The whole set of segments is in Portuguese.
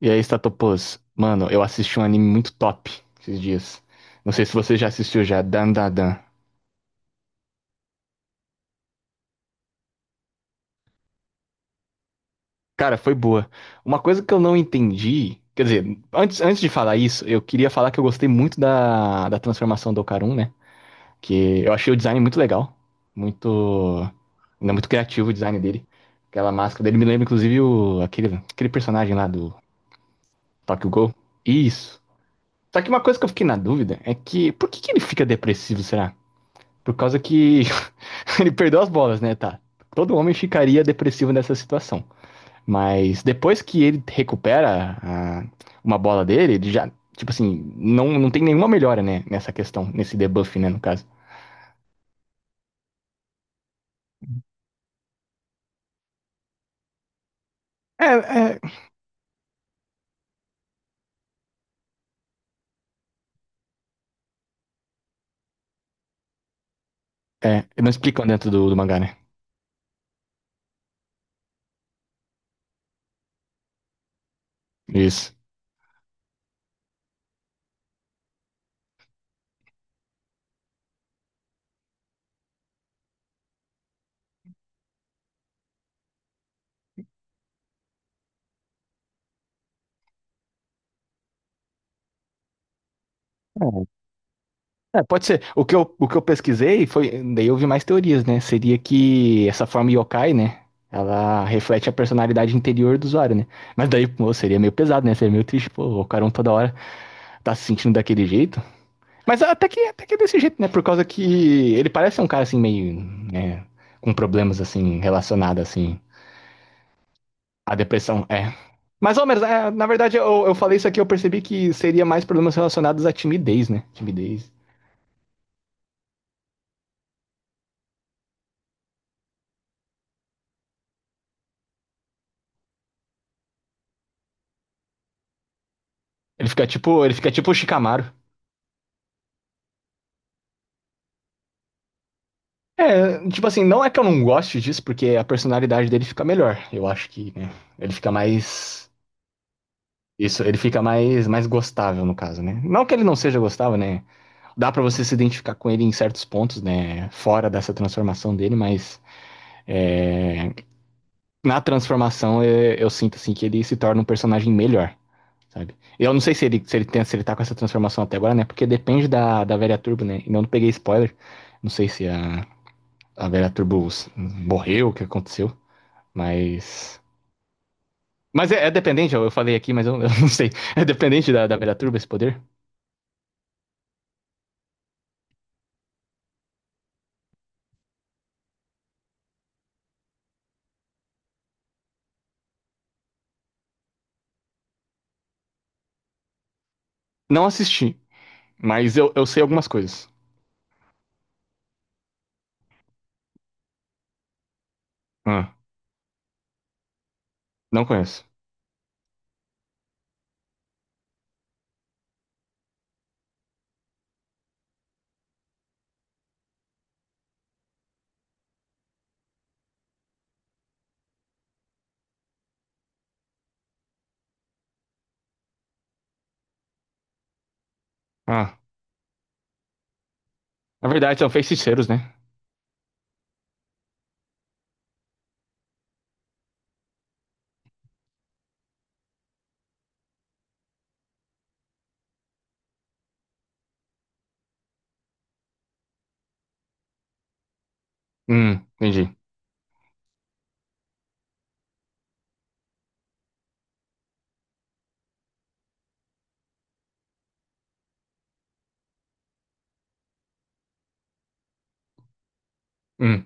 E aí, Statopus? Mano, eu assisti um anime muito top esses dias. Não sei se você já assistiu já, Dan Dan Dan. Cara, foi boa. Uma coisa que eu não entendi, quer dizer, antes de falar isso, eu queria falar que eu gostei muito da transformação do Okarun, né? Que eu achei o design muito legal, muito, ainda muito criativo o design dele. Aquela máscara dele me lembra inclusive o, aquele personagem lá do Tokyo Ghoul. Isso. Só que uma coisa que eu fiquei na dúvida é que por que que ele fica depressivo, será? Por causa que ele perdeu as bolas, né? Tá. Todo homem ficaria depressivo nessa situação. Mas depois que ele recupera a- Uma bola dele, ele já, tipo assim, não, não tem nenhuma melhora, né? Nessa questão, nesse debuff, né? No caso. É, é. É, não explicam dentro do mangá, né? Isso. É, pode ser. O que eu pesquisei foi. Daí eu vi mais teorias, né? Seria que essa forma yokai, né? Ela reflete a personalidade interior do usuário, né? Mas daí, pô, seria meio pesado, né? Seria meio triste, pô, o Ocaron toda hora tá se sentindo daquele jeito. Mas até que é desse jeito, né? Por causa que ele parece um cara assim meio, né, com problemas assim relacionados assim à depressão, é. Mas, ao menos, é, na verdade, eu falei isso aqui, eu percebi que seria mais problemas relacionados à timidez, né? Timidez. Ele fica tipo o Shikamaru. É, tipo assim, não é que eu não goste disso, porque a personalidade dele fica melhor. Eu acho que, né, ele fica mais isso, ele fica mais gostável no caso, né? Não que ele não seja gostável, né? Dá para você se identificar com ele em certos pontos, né? Fora dessa transformação dele, mas é, na transformação sinto assim que ele se torna um personagem melhor, sabe? Eu não sei se ele tá com essa transformação até agora, né? Porque depende da velha Turbo, né? Eu não peguei spoiler, não sei se a, a velha Turbo morreu, o que aconteceu, mas mas é, é dependente, eu falei aqui, mas eu, eu, não sei. É dependente da velha Turbo esse poder? Não assisti, mas eu sei algumas coisas. Ah, não conheço. Ah, na verdade, são feiticeiros, né? Hum, entendi. Hum,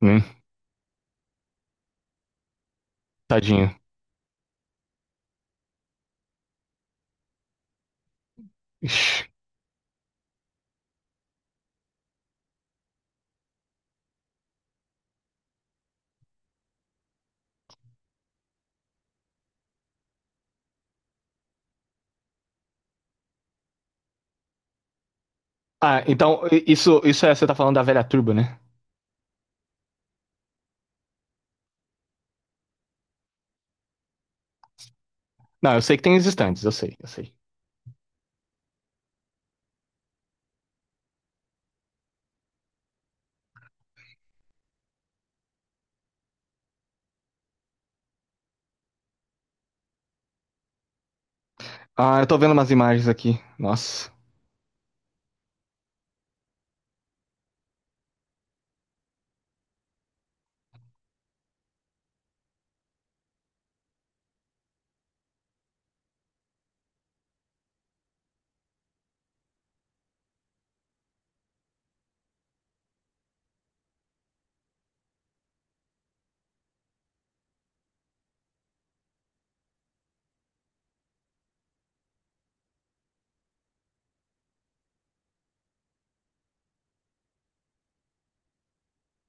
hum, tadinho. Ixi. Ah, então, isso é, você tá falando da velha turba, né? Não, eu sei que tem os estandes, eu sei, eu sei. Ah, eu tô vendo umas imagens aqui. Nossa.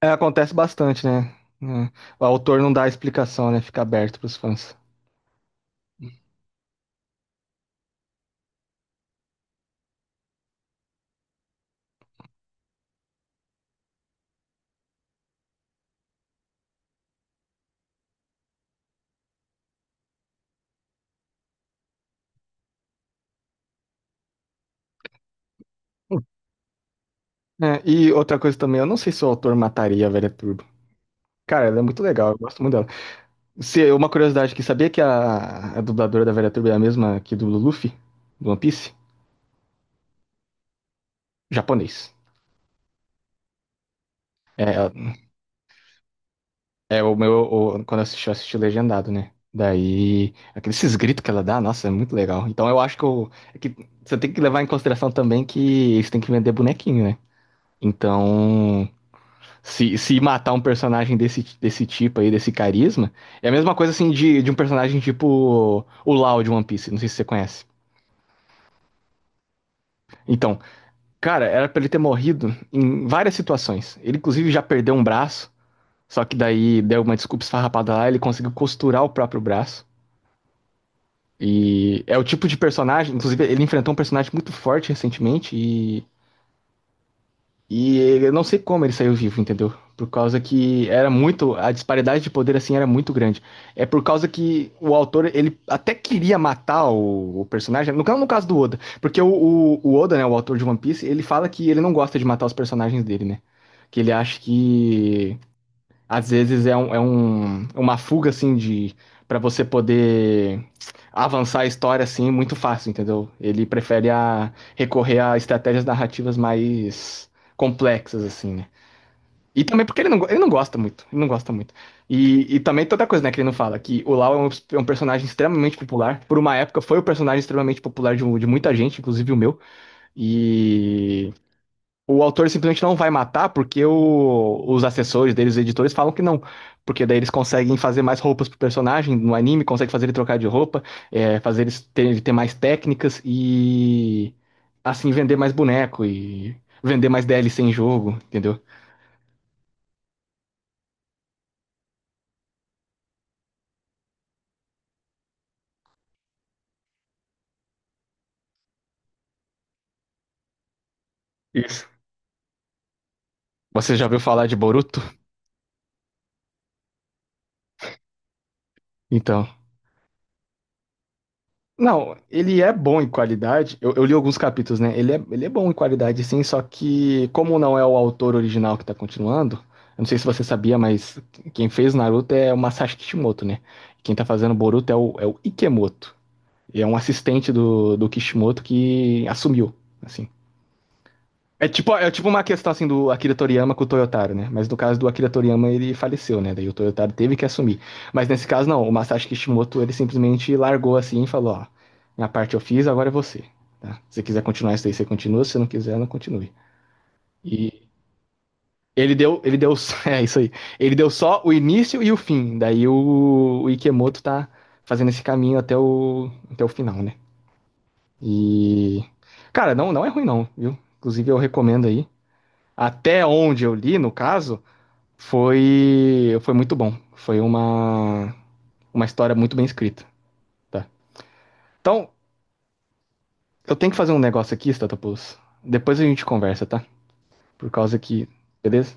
É, acontece bastante, né? É, o autor não dá a explicação, né? Fica aberto pros fãs. É, e outra coisa também, eu não sei se o autor mataria a velha turba. Cara, ela é muito legal, eu gosto muito dela. Se, uma curiosidade aqui, sabia que a dubladora da velha turba é a mesma que do Luffy, do One Piece? Japonês. É, é, o meu. O- quando eu assisti legendado, né? Daí. Aqueles esses gritos que ela dá, nossa, é muito legal. Então eu acho que, eu, é que você tem que levar em consideração também que eles têm que vender bonequinho, né? Então, se matar um personagem desse, desse tipo aí, desse carisma, é a mesma coisa assim de um personagem tipo o Law de One Piece, não sei se você conhece. Então, cara, era pra ele ter morrido em várias situações. Ele, inclusive, já perdeu um braço, só que daí deu uma desculpa esfarrapada lá, ele conseguiu costurar o próprio braço. E é o tipo de personagem, inclusive ele enfrentou um personagem muito forte recentemente e, eu não sei como ele saiu vivo, entendeu? Por causa que era muito, a disparidade de poder assim era muito grande. É por causa que o autor, ele até queria matar o personagem, no caso do Oda, porque o Oda, né, o autor de One Piece, ele fala que ele não gosta de matar os personagens dele, né? Que ele acha que às vezes é uma fuga, assim, de para você poder avançar a história, assim, muito fácil, entendeu? Ele prefere a, recorrer a estratégias narrativas mais complexas, assim, né? E também porque ele ele não gosta muito, ele não gosta muito. E também toda coisa, né, que ele não fala, que o Lau é um personagem extremamente popular. Por uma época foi o personagem extremamente popular de, de muita gente, inclusive o meu. E o autor simplesmente não vai matar porque os assessores deles, os editores, falam que não. Porque daí eles conseguem fazer mais roupas pro personagem no anime, conseguem fazer ele trocar de roupa, é, ele ter mais técnicas e assim vender mais boneco e vender mais DLC em jogo, entendeu? Isso. Você já ouviu falar de Boruto? Então. Não, ele é bom em qualidade. Eu li alguns capítulos, né? Ele é bom em qualidade, sim, só que, como não é o autor original que tá continuando, eu não sei se você sabia, mas quem fez Naruto é o Masashi Kishimoto, né? Quem tá fazendo Boruto é o Ikemoto. E é um assistente do Kishimoto que assumiu. Assim. É tipo uma questão assim do Akira Toriyama com o Toyotaro, né? Mas no caso do Akira Toriyama ele faleceu, né? Daí o Toyotaro teve que assumir. Mas nesse caso não, o Masashi Kishimoto ele simplesmente largou assim e falou, ó, minha parte eu fiz, agora é você, tá? Se você quiser continuar isso daí, você continua, se você não quiser, não continue. E ele deu, ele deu, é isso aí. Ele deu só o início e o fim. Daí o Ikemoto tá fazendo esse caminho até o até o final, né? E cara, não é ruim não, viu? Inclusive eu recomendo aí. Até onde eu li, no caso, foi foi muito bom. Foi uma história muito bem escrita, tá? Então, eu tenho que fazer um negócio aqui, Statopoulos. Depois a gente conversa, tá? Por causa que, beleza?